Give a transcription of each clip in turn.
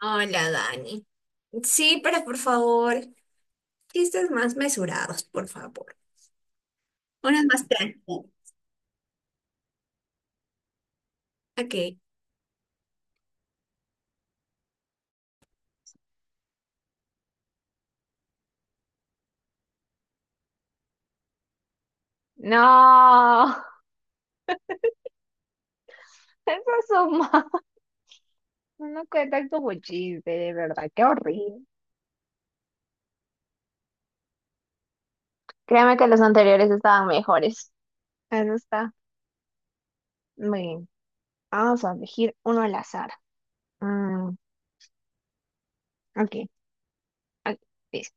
Hola, Dani. Sí, pero por favor, chistes más mesurados, por favor. Unos más tranquilos. Ok. No, eso es un mal. No cuentan como chiste, de verdad, qué horrible. Créeme que los anteriores estaban mejores. Eso está muy bien. Vamos a elegir uno al azar. Mm, ok, ok, dice.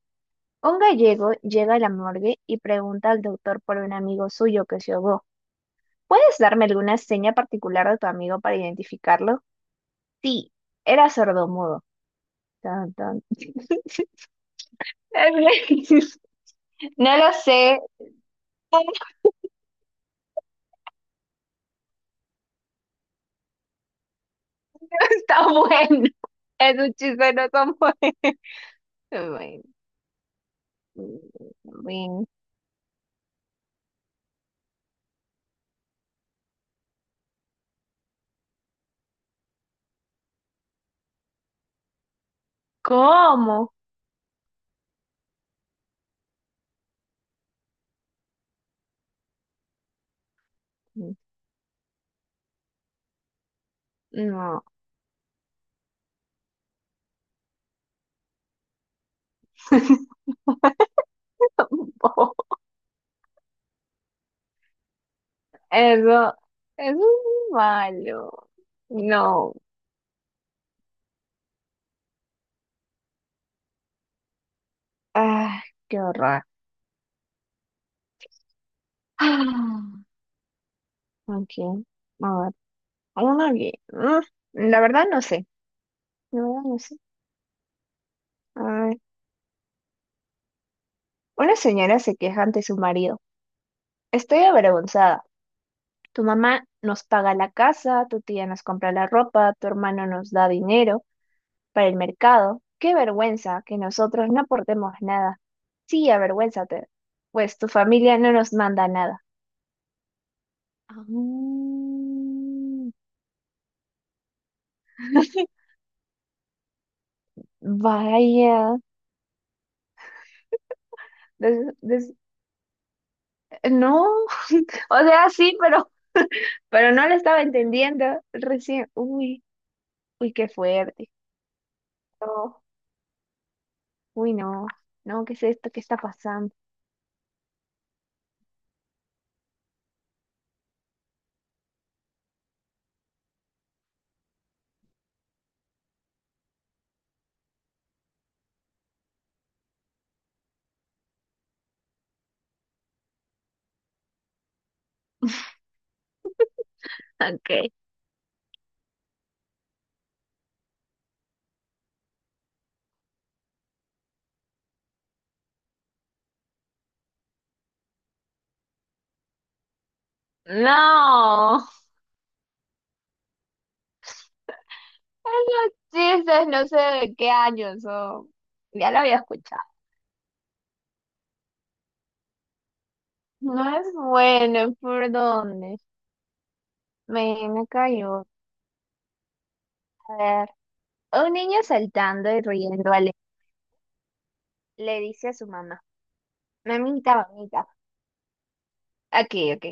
Un gallego llega a la morgue y pregunta al doctor por un amigo suyo que se ahogó. ¿Puedes darme alguna seña particular de tu amigo para identificarlo? Sí, era sordomudo. Tan, tan. No lo sé. Está bueno. Es un chiste no tan bueno. Bueno, bueno. ¿Cómo? No. Eso, eso es malo. No. Ah, qué horror. Ah, ok. A ver. Uno que- mm, La verdad no sé. La verdad no sé. A ver. Una señora se queja ante su marido. Estoy avergonzada. Tu mamá nos paga la casa, tu tía nos compra la ropa, tu hermano nos da dinero para el mercado. Qué vergüenza que nosotros no aportemos nada. Sí, avergüénzate, pues tu familia no nos manda nada. Ah, vaya, des- des- no, o sea, sí, pero no lo estaba entendiendo recién. Uy, uy, qué fuerte. No. Uy, no, no, ¿qué es esto? ¿Qué está pasando? Ok. No, esos chistes no sé de qué año son. Ya lo había escuchado. No es bueno, ¿por dónde? Me cayó. A ver. Un niño saltando y riendo le dice a su mamá, mamita, mamita. Aquí, ok.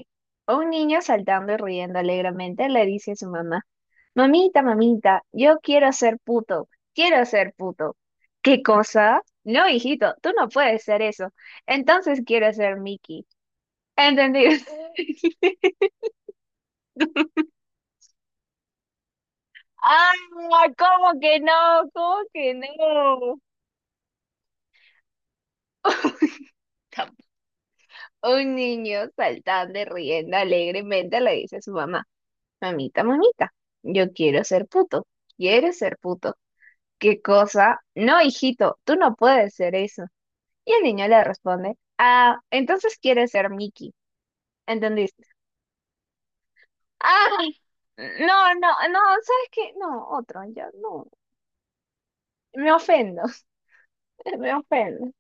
Un niño saltando y riendo alegremente le dice a su mamá. Mamita, mamita, yo quiero ser puto, quiero ser puto. ¿Qué cosa? No, hijito, tú no puedes ser eso. Entonces quiero ser Mickey. ¿Entendido? ¡Ah! ¿Cómo que no? ¿Cómo que no? Tam- Un niño saltando y riendo alegremente le dice a su mamá, mamita, mamita, yo quiero ser puto, quiero ser puto. ¿Qué cosa? No, hijito, tú no puedes ser eso. Y el niño le responde, ah, entonces quieres ser Mickey. ¿Entendiste? Ah, no, no, no, ¿sabes qué? No, otro, ya no. Me ofendo, me ofendo.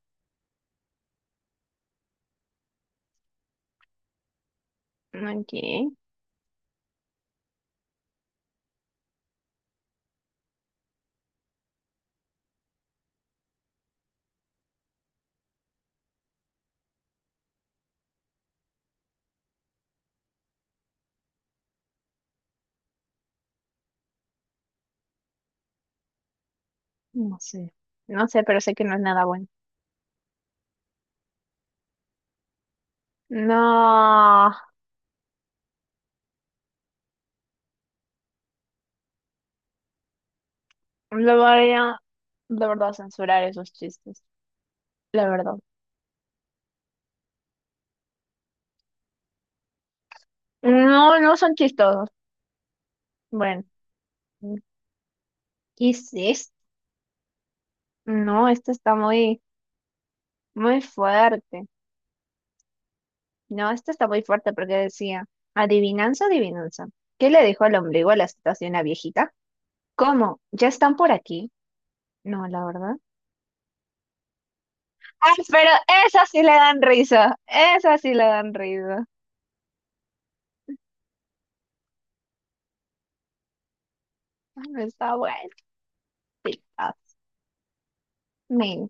Ok, no sé, no sé, pero sé que no es nada bueno. No, lo voy a, de verdad, censurar esos chistes, la verdad. No, no son chistosos. Bueno, ¿qué es esto? No, este está muy, muy fuerte. No, este está muy fuerte porque decía, adivinanza, adivinanza. ¿Qué le dijo el ombligo a la situación a viejita? ¿Cómo? ¿Ya están por aquí? No, la verdad. Ay, sí, pero esas sí le dan risa. Esas sí le dan risa. Ay, está bueno. Me-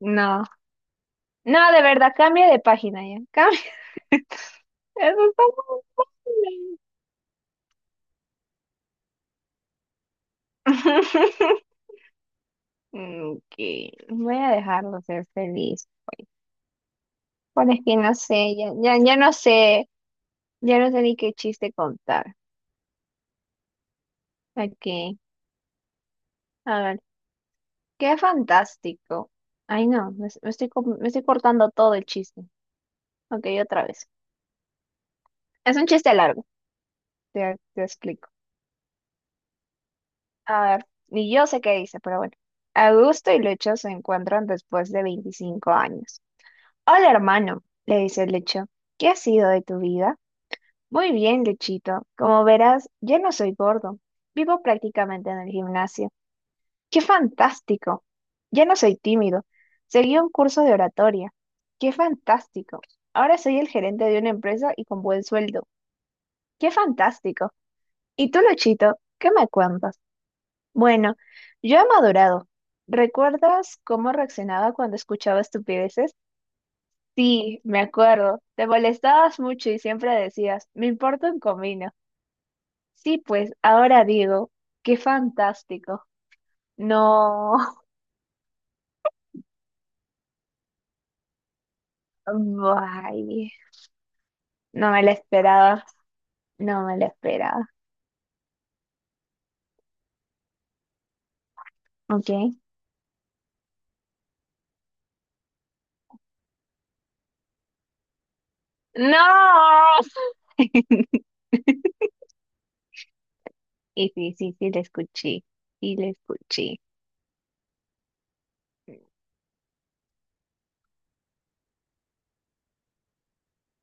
No. No, de verdad, cambia de página ya. Cambia. Eso está muy bueno. Ok, voy a dejarlo ser feliz. Bueno, es que no sé, ya, ya, ya no sé ni qué chiste contar. Aquí, a ver, qué fantástico. Ay, no, me estoy cortando todo el chiste. Ok, otra vez. Es un chiste largo, te explico. A ver, ni yo sé qué dice, pero bueno. Augusto y Lecho se encuentran después de 25 años. Hola, hermano, le dice Lecho. ¿Qué ha sido de tu vida? Muy bien, Lechito. Como verás, ya no soy gordo. Vivo prácticamente en el gimnasio. ¡Qué fantástico! Ya no soy tímido. Seguí un curso de oratoria. ¡Qué fantástico! Ahora soy el gerente de una empresa y con buen sueldo. ¡Qué fantástico! ¿Y tú, Luchito, qué me cuentas? Bueno, yo he madurado. ¿Recuerdas cómo reaccionaba cuando escuchaba estupideces? Sí, me acuerdo. Te molestabas mucho y siempre decías, me importa un comino. Sí, pues ahora digo, qué fantástico. No, bye. No me la esperaba. No me la esperaba. ¿Ok? ¡No! Y sí, sí, sí, la escuché. Sí, la escuché.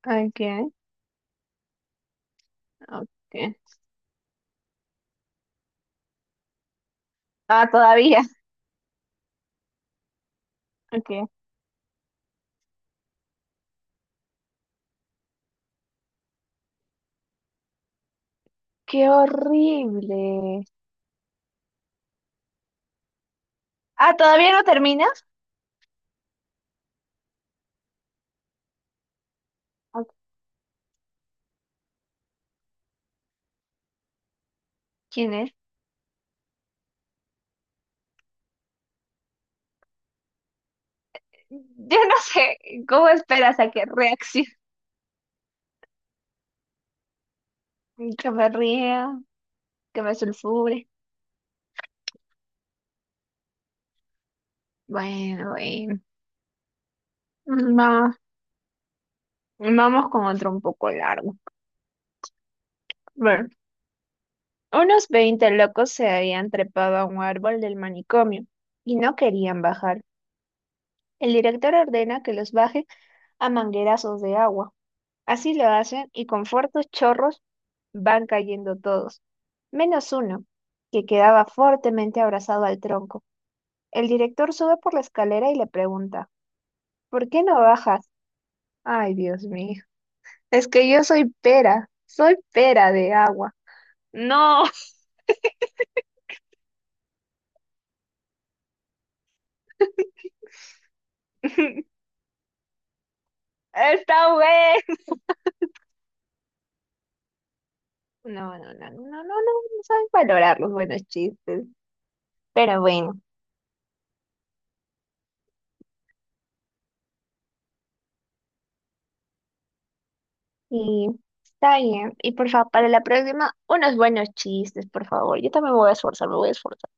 Ok, ok. Ah, todavía. Ok. Qué horrible. Ah, ¿todavía no terminas? Ok. ¿Quién es? Yo no sé cómo esperas a que reaccione, que me ría, que me sulfure. Bueno, bueno. Vamos, vamos con otro un poco largo. Bueno, unos 20 locos se habían trepado a un árbol del manicomio y no querían bajar. El director ordena que los baje a manguerazos de agua. Así lo hacen y con fuertes chorros van cayendo todos, menos uno, que quedaba fuertemente abrazado al tronco. El director sube por la escalera y le pregunta, ¿por qué no bajas? Ay, Dios mío, es que yo soy pera de agua. No, está bueno. No, no, no, no, no, no, no saben valorar los buenos chistes. Pero bueno. Y está bien. Y por favor, para la próxima, unos buenos chistes, por favor. Yo también me voy a esforzar, me voy a esforzar.